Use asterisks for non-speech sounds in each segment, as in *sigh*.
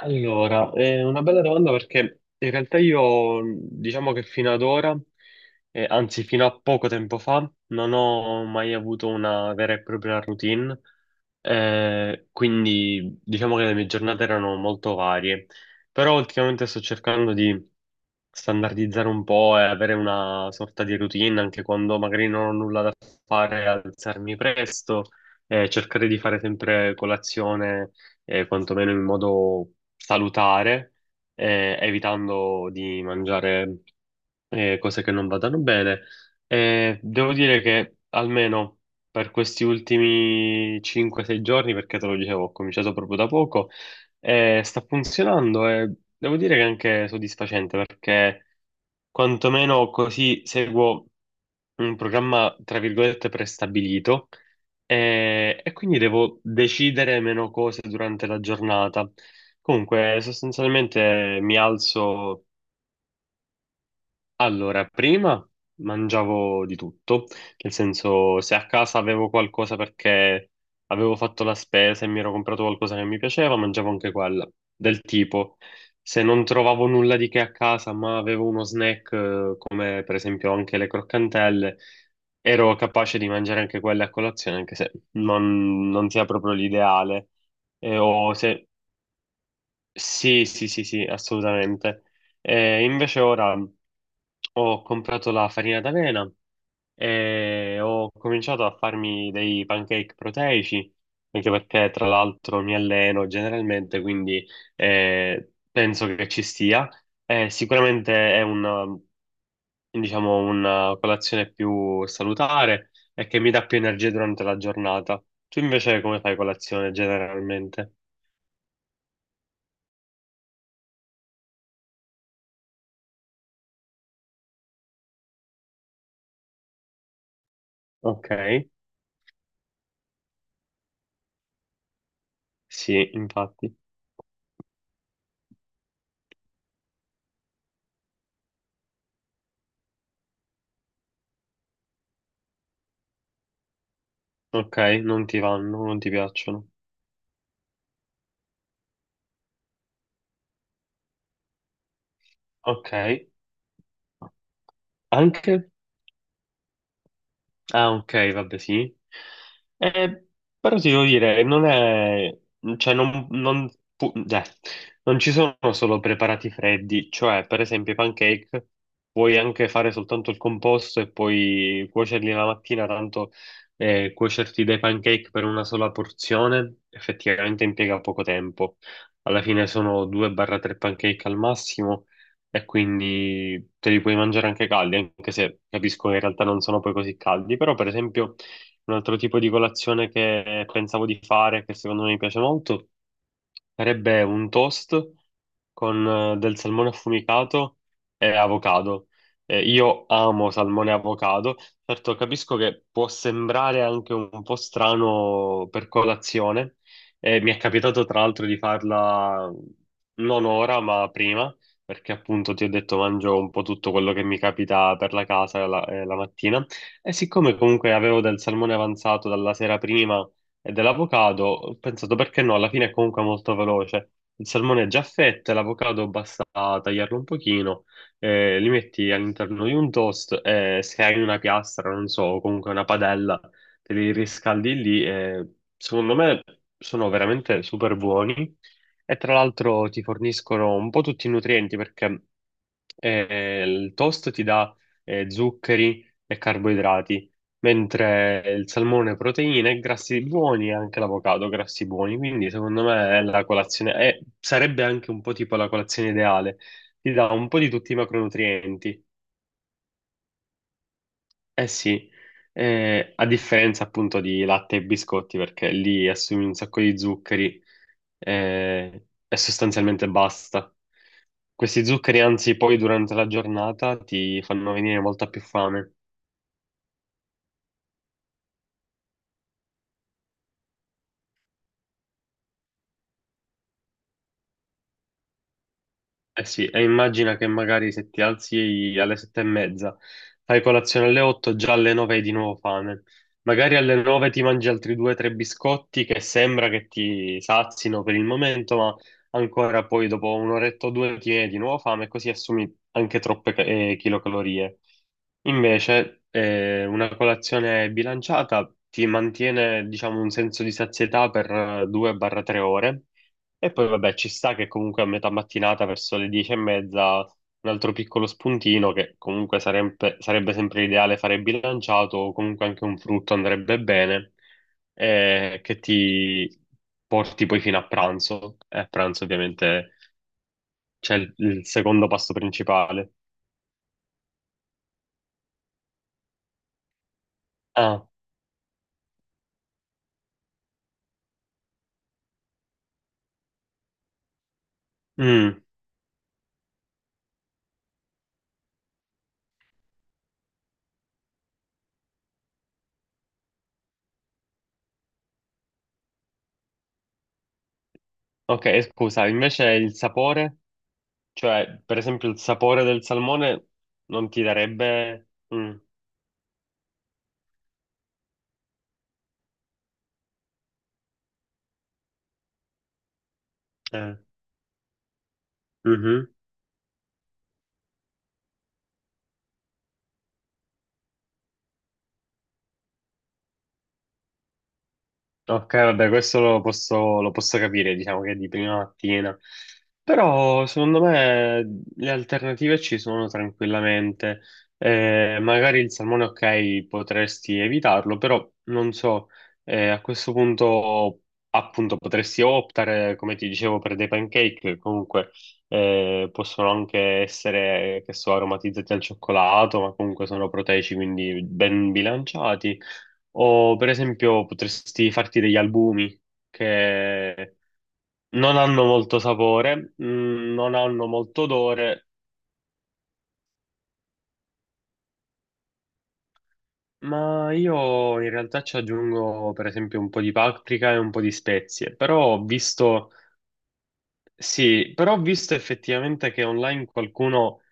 Allora, è una bella domanda perché in realtà io diciamo che fino ad ora, anzi fino a poco tempo fa, non ho mai avuto una vera e propria routine, quindi diciamo che le mie giornate erano molto varie, però ultimamente sto cercando di standardizzare un po' e avere una sorta di routine anche quando magari non ho nulla da fare, alzarmi presto e cercare di fare sempre colazione quantomeno in modo salutare, evitando di mangiare cose che non vadano bene. Devo dire che almeno per questi ultimi 5-6 giorni, perché te lo dicevo, ho cominciato proprio da poco, sta funzionando e devo dire che è anche soddisfacente perché quantomeno così seguo un programma, tra virgolette, prestabilito e quindi devo decidere meno cose durante la giornata. Comunque, sostanzialmente mi alzo. Allora, prima mangiavo di tutto, nel senso se a casa avevo qualcosa perché avevo fatto la spesa e mi ero comprato qualcosa che mi piaceva, mangiavo anche quella, del tipo se non trovavo nulla di che a casa ma avevo uno snack come per esempio anche le croccantelle, ero capace di mangiare anche quelle a colazione anche se non sia proprio l'ideale. E- o se Sì, sì, sì, sì, assolutamente. Invece ora ho comprato la farina d'avena e ho cominciato a farmi dei pancake proteici, anche perché tra l'altro mi alleno generalmente, quindi penso che ci stia. Sicuramente è una, diciamo, una colazione più salutare e che mi dà più energia durante la giornata. Tu invece come fai colazione generalmente? Ok, sì, infatti. Ok, non ti vanno, non ti piacciono. Ok, anche? Ah, ok, vabbè, sì. Eh, però ti devo dire, non è... cioè, pu- cioè, non ci sono solo preparati freddi, cioè, per esempio, i pancake puoi anche fare soltanto il composto e poi cuocerli la mattina, tanto cuocerti dei pancake per una sola porzione effettivamente impiega poco tempo. Alla fine sono 2-3 pancake al massimo e quindi te li puoi mangiare anche caldi, anche se capisco che in realtà non sono poi così caldi, però per esempio un altro tipo di colazione che pensavo di fare, che secondo me mi piace molto, sarebbe un toast con del salmone affumicato e avocado. Io amo salmone e avocado. Certo, capisco che può sembrare anche un po' strano per colazione. Mi è capitato tra l'altro di farla non ora, ma prima, perché appunto ti ho detto mangio un po' tutto quello che mi capita per la casa la mattina. E siccome comunque avevo del salmone avanzato dalla sera prima e dell'avocado ho pensato perché no, alla fine è comunque molto veloce. Il salmone è già a fette, l'avocado basta tagliarlo un pochino, li metti all'interno di un toast e se hai una piastra, non so, o comunque una padella, te li riscaldi lì e secondo me sono veramente super buoni e tra l'altro ti forniscono un po' tutti i nutrienti perché il toast ti dà zuccheri e carboidrati mentre il salmone proteine, e grassi buoni e anche l'avocado grassi buoni, quindi secondo me è la colazione, sarebbe anche un po' tipo la colazione ideale, ti dà un po' di tutti i macronutrienti, eh sì, a differenza appunto di latte e biscotti perché lì assumi un sacco di zuccheri e sostanzialmente basta. Questi zuccheri, anzi, poi durante la giornata ti fanno venire molta più fame. Eh sì, e immagina che magari se ti alzi alle 7:30, fai colazione alle 8, già alle 9 hai di nuovo fame. Magari alle 9 ti mangi altri due o tre biscotti che sembra che ti sazino per il momento, ma ancora poi dopo un'oretta o due ti viene di nuovo fame e così assumi anche troppe kilocalorie. Invece, una colazione bilanciata ti mantiene, diciamo, un senso di sazietà per 2-3 ore e poi vabbè, ci sta che comunque a metà mattinata, verso le 10:30, un altro piccolo spuntino che comunque sarebbe sempre ideale fare bilanciato, o comunque anche un frutto andrebbe bene, che ti porti poi fino a pranzo. E a pranzo ovviamente c'è il secondo pasto principale. Ah, mm, ok, scusa, invece il sapore, cioè per esempio il sapore del salmone non ti darebbe... mm, eh, mhm. Ok, vabbè, questo lo posso capire, diciamo che è di prima mattina. Però secondo me le alternative ci sono tranquillamente. Magari il salmone, ok, potresti evitarlo, però non so, a questo punto appunto potresti optare, come ti dicevo, per dei pancake, che comunque possono anche essere, che so, aromatizzati al cioccolato, ma comunque sono proteici, quindi ben bilanciati. O per esempio potresti farti degli albumi che non hanno molto sapore, non hanno molto odore, ma io in realtà ci aggiungo per esempio un po' di paprika e un po' di spezie. Però ho visto, sì, però ho visto effettivamente che online qualcuno...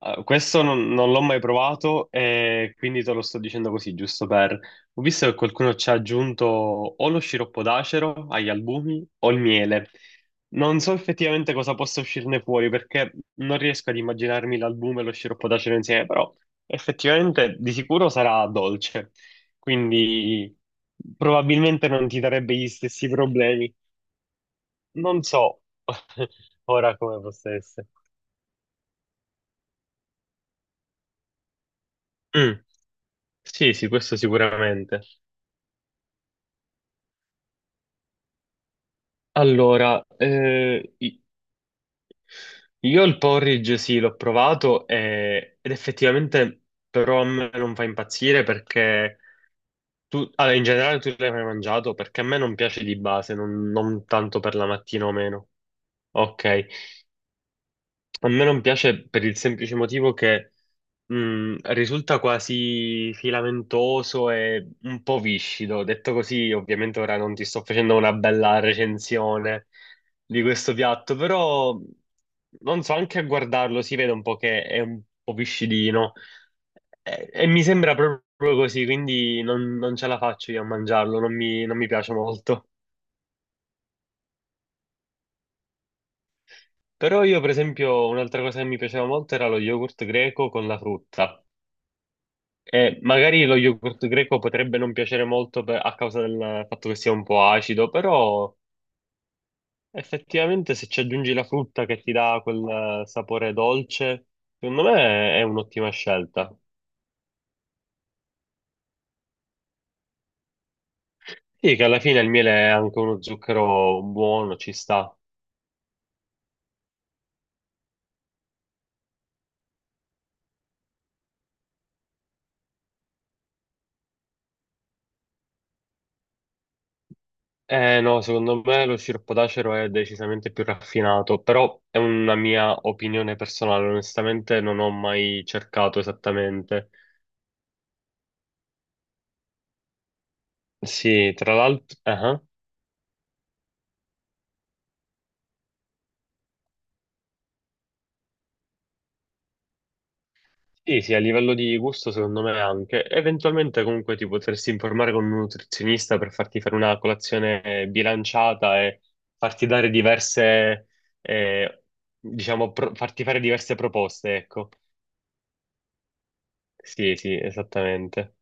Questo non l'ho mai provato e quindi te lo sto dicendo così, giusto per... Ho visto che qualcuno ci ha aggiunto o lo sciroppo d'acero agli albumi o il miele. Non so effettivamente cosa possa uscirne fuori perché non riesco ad immaginarmi l'albume e lo sciroppo d'acero insieme, però effettivamente di sicuro sarà dolce, quindi probabilmente non ti darebbe gli stessi problemi. Non so *laughs* ora come possa essere. Mm, sì, sì, questo sicuramente. Allora, io il porridge sì, l'ho provato ed effettivamente però a me non fa impazzire perché tu, allora, in generale tu l'hai mai mangiato perché a me non piace di base, non tanto per la mattina o meno. Ok, a me non piace per il semplice motivo che mm, risulta quasi filamentoso e un po' viscido. Detto così, ovviamente ora non ti sto facendo una bella recensione di questo piatto, però non so, anche a guardarlo si vede un po' che è un po' viscidino e mi sembra proprio così, quindi non ce la faccio io a mangiarlo, non mi piace molto. Però io, per esempio, un'altra cosa che mi piaceva molto era lo yogurt greco con la frutta. Magari lo yogurt greco potrebbe non piacere molto a causa del fatto che sia un po' acido, però effettivamente se ci aggiungi la frutta che ti dà quel sapore dolce, secondo me è un'ottima scelta. Sì, che alla fine il miele è anche uno zucchero buono, ci sta. Eh no, secondo me lo sciroppo d'acero è decisamente più raffinato, però è una mia opinione personale, onestamente non ho mai cercato esattamente. Sì, tra l'altro... Sì, sì, a livello di gusto secondo me anche. Eventualmente comunque ti potresti informare con un nutrizionista per farti fare una colazione bilanciata e farti dare diverse, eh, diciamo, farti fare diverse proposte, ecco. Sì, sì, esattamente.